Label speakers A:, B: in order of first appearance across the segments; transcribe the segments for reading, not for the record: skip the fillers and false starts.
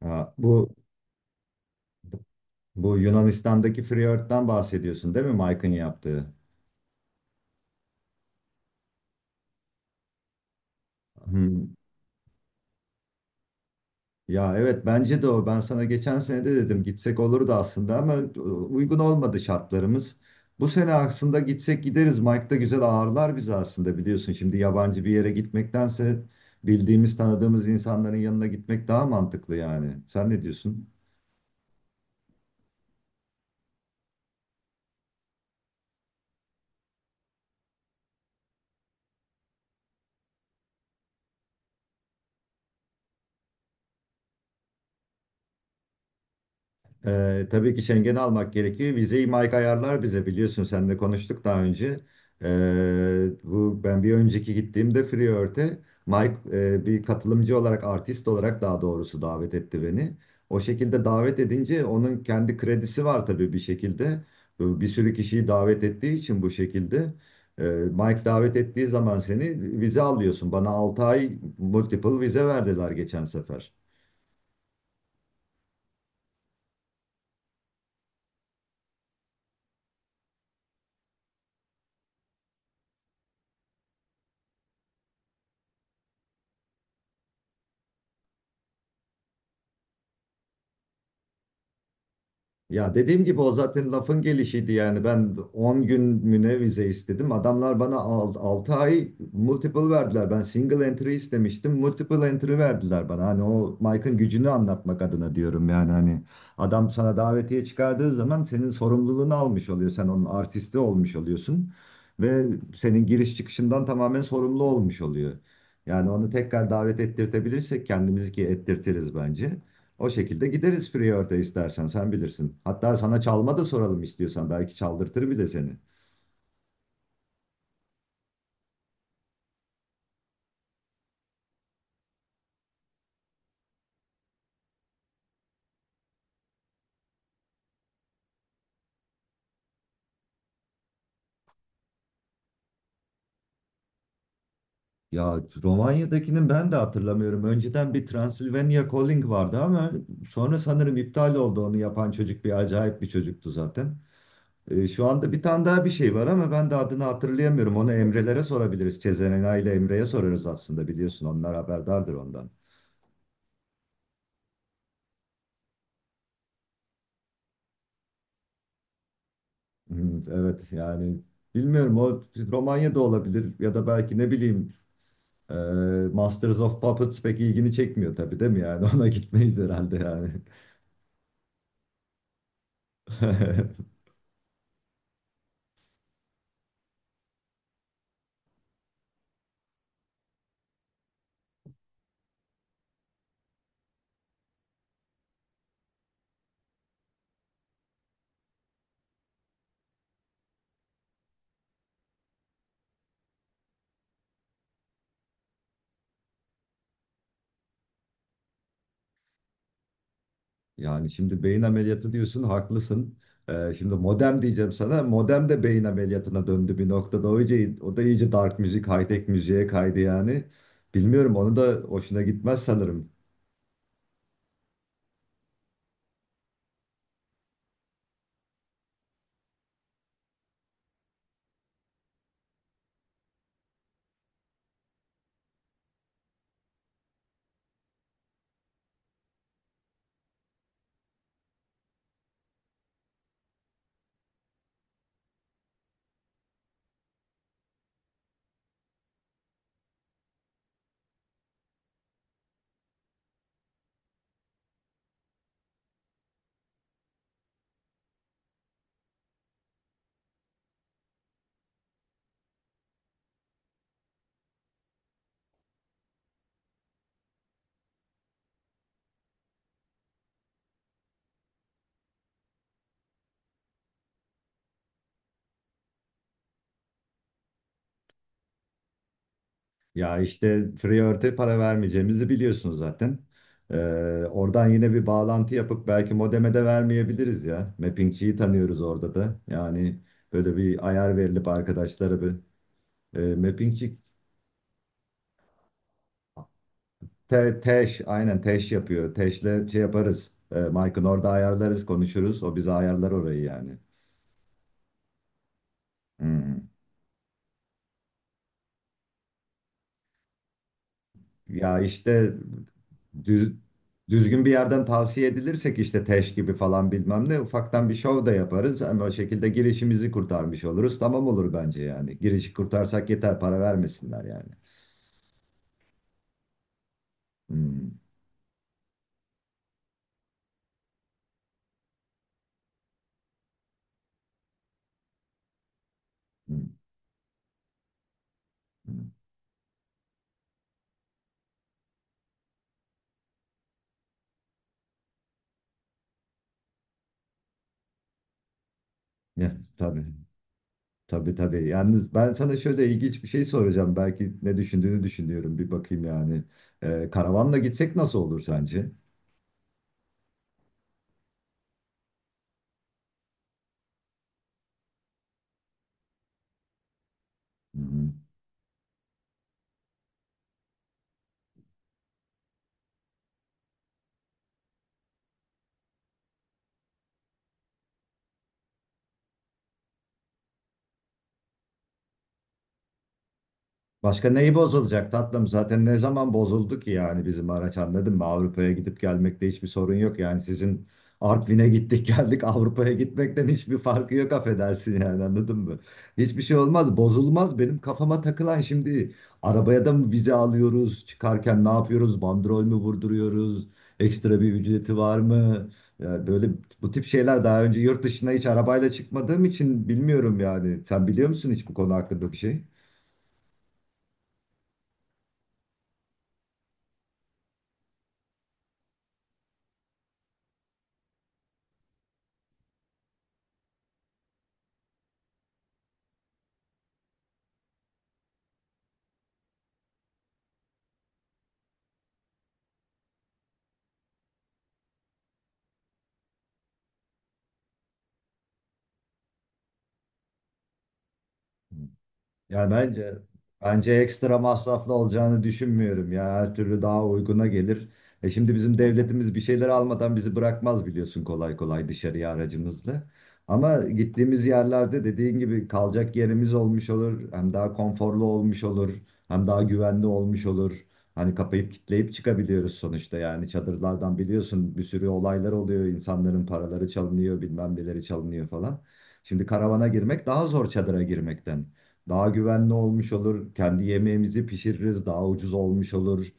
A: Ha, bu Yunanistan'daki Friyort'tan bahsediyorsun değil mi, Mike'ın yaptığı? Hmm. Ya evet, bence de o. Ben sana geçen sene de dedim, gitsek olurdu aslında ama uygun olmadı şartlarımız. Bu sene aslında gitsek gideriz. Mike da güzel ağırlar bizi aslında, biliyorsun. Şimdi yabancı bir yere gitmektense bildiğimiz tanıdığımız insanların yanına gitmek daha mantıklı yani. Sen ne diyorsun? Tabii ki Schengen'i almak gerekir. Vizeyi Mike ayarlar bize, biliyorsun. Seninle konuştuk daha önce. Bu ben bir önceki gittiğimde Freeworld'e Mike bir katılımcı olarak, artist olarak daha doğrusu davet etti beni. O şekilde davet edince onun kendi kredisi var tabii bir şekilde. Bu bir sürü kişiyi davet ettiği için bu şekilde. Mike davet ettiği zaman seni vize alıyorsun. Bana 6 ay multiple vize verdiler geçen sefer. Ya dediğim gibi o zaten lafın gelişiydi yani, ben 10 gün müne istedim. Adamlar bana 6 ay multiple verdiler. Ben single entry istemiştim. Multiple entry verdiler bana. Hani o Mike'ın gücünü anlatmak adına diyorum yani, hani adam sana davetiye çıkardığı zaman senin sorumluluğunu almış oluyor. Sen onun artisti olmuş oluyorsun ve senin giriş çıkışından tamamen sorumlu olmuş oluyor. Yani onu tekrar davet ettirtebilirsek kendimizi, ki ettirtiriz bence. O şekilde gideriz Prior'da, istersen sen bilirsin. Hatta sana çalma da soralım, istiyorsan belki çaldırtır bile seni. Ya Romanya'dakinin ben de hatırlamıyorum. Önceden bir Transylvania Calling vardı ama sonra sanırım iptal oldu, onu yapan çocuk bir acayip bir çocuktu zaten. Şu anda bir tane daha bir şey var ama ben de adını hatırlayamıyorum. Onu Emre'lere sorabiliriz. Cezena ile Emre'ye sorarız, aslında biliyorsun onlar haberdardır ondan. Hmm, evet yani bilmiyorum, o Romanya'da olabilir ya da belki ne bileyim, Ee, Masters of Puppets pek ilgini çekmiyor tabii, değil mi yani? Ona gitmeyiz herhalde yani. Yani şimdi beyin ameliyatı diyorsun, haklısın. Şimdi modem diyeceğim sana. Modem de beyin ameliyatına döndü bir noktada. O iyice, o da iyice dark müzik, high tech müziğe kaydı yani. Bilmiyorum, onu da hoşuna gitmez sanırım. Ya işte Freeort'e para vermeyeceğimizi biliyorsunuz zaten. Ee, Oradan yine bir bağlantı yapıp belki modeme de vermeyebiliriz ya. Mappingçiyi tanıyoruz orada da. Yani böyle bir ayar verilip arkadaşlara bir Mappingçi teş, aynen teş yapıyor. Teşle şey yaparız. E, Mike'ın orada ayarlarız, konuşuruz. O bize ayarlar orayı yani. Hı. Ya işte düz- düzgün bir yerden tavsiye edilirsek işte Teş gibi falan bilmem ne, ufaktan bir şov da yaparız. Hem o şekilde girişimizi kurtarmış oluruz. Tamam, olur bence yani. Girişi kurtarsak yeter, para vermesinler yani. Hmm, hmm, hmm. Ya, tabii. Tabii, tabii. Yalnız ben sana şöyle ilginç bir şey soracağım. Belki ne düşündüğünü düşünüyorum. Bir bakayım yani. Karavanla gitsek nasıl olur sence? Hı hı. Başka neyi bozulacak tatlım? Zaten ne zaman bozuldu ki yani bizim araç, anladın mı? Avrupa'ya gidip gelmekte hiçbir sorun yok. Yani sizin Artvin'e gittik geldik, Avrupa'ya gitmekten hiçbir farkı yok, affedersin yani, anladın mı? Hiçbir şey olmaz, bozulmaz. Benim kafama takılan, şimdi arabaya da mı vize alıyoruz çıkarken, ne yapıyoruz, bandrol mü vurduruyoruz, ekstra bir ücreti var mı? Ya böyle bu tip şeyler daha önce yurt dışına hiç arabayla çıkmadığım için bilmiyorum yani, sen biliyor musun hiç bu konu hakkında bir şey? Ya bence ekstra masraflı olacağını düşünmüyorum ya. Her türlü daha uyguna gelir. E şimdi bizim devletimiz bir şeyler almadan bizi bırakmaz biliyorsun, kolay kolay dışarıya aracımızla. Ama gittiğimiz yerlerde dediğin gibi kalacak yerimiz olmuş olur. Hem daha konforlu olmuş olur. Hem daha güvenli olmuş olur. Hani kapayıp kitleyip çıkabiliyoruz sonuçta yani, çadırlardan biliyorsun bir sürü olaylar oluyor. İnsanların paraları çalınıyor, bilmem neleri çalınıyor falan. Şimdi karavana girmek daha zor çadıra girmekten. Daha güvenli olmuş olur. Kendi yemeğimizi pişiririz. Daha ucuz olmuş olur.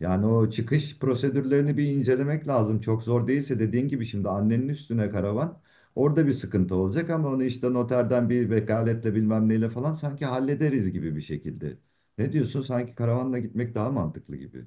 A: Yani o çıkış prosedürlerini bir incelemek lazım. Çok zor değilse, dediğin gibi şimdi annenin üstüne karavan, orada bir sıkıntı olacak ama onu işte noterden bir vekaletle bilmem neyle falan sanki hallederiz gibi bir şekilde. Ne diyorsun? Sanki karavanla gitmek daha mantıklı gibi.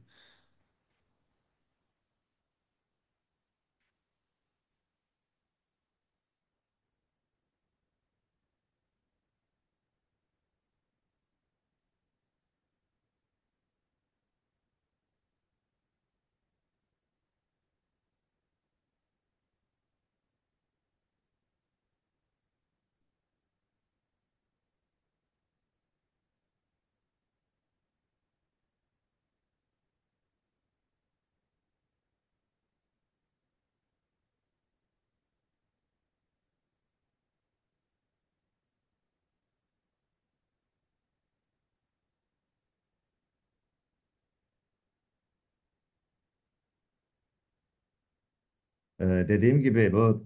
A: Ee, dediğim gibi bu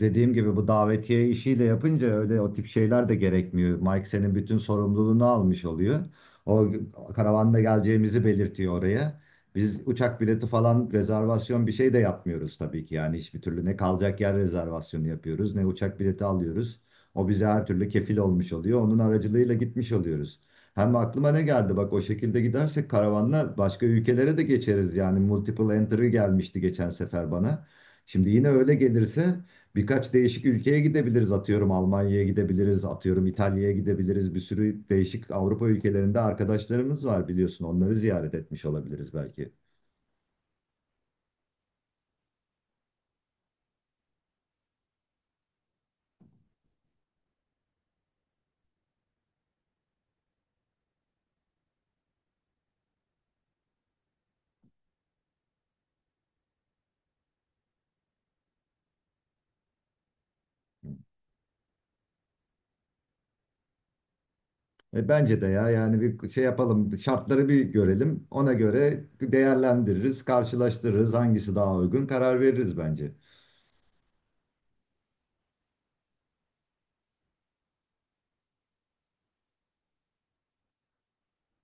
A: Dediğim gibi bu davetiye işiyle yapınca öyle o tip şeyler de gerekmiyor. Mike senin bütün sorumluluğunu almış oluyor. O karavanda geleceğimizi belirtiyor oraya. Biz uçak bileti falan rezervasyon bir şey de yapmıyoruz tabii ki. Yani hiçbir türlü ne kalacak yer rezervasyonu yapıyoruz ne uçak bileti alıyoruz. O bize her türlü kefil olmuş oluyor. Onun aracılığıyla gitmiş oluyoruz. Hem aklıma ne geldi bak, o şekilde gidersek karavanla başka ülkelere de geçeriz. Yani multiple entry gelmişti geçen sefer bana. Şimdi yine öyle gelirse birkaç değişik ülkeye gidebiliriz, atıyorum Almanya'ya gidebiliriz, atıyorum İtalya'ya gidebiliriz, bir sürü değişik Avrupa ülkelerinde arkadaşlarımız var biliyorsun, onları ziyaret etmiş olabiliriz belki. E, bence de ya, yani bir şey yapalım, şartları bir görelim, ona göre değerlendiririz, karşılaştırırız, hangisi daha uygun karar veririz bence.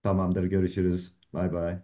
A: Tamamdır, görüşürüz, bay bay.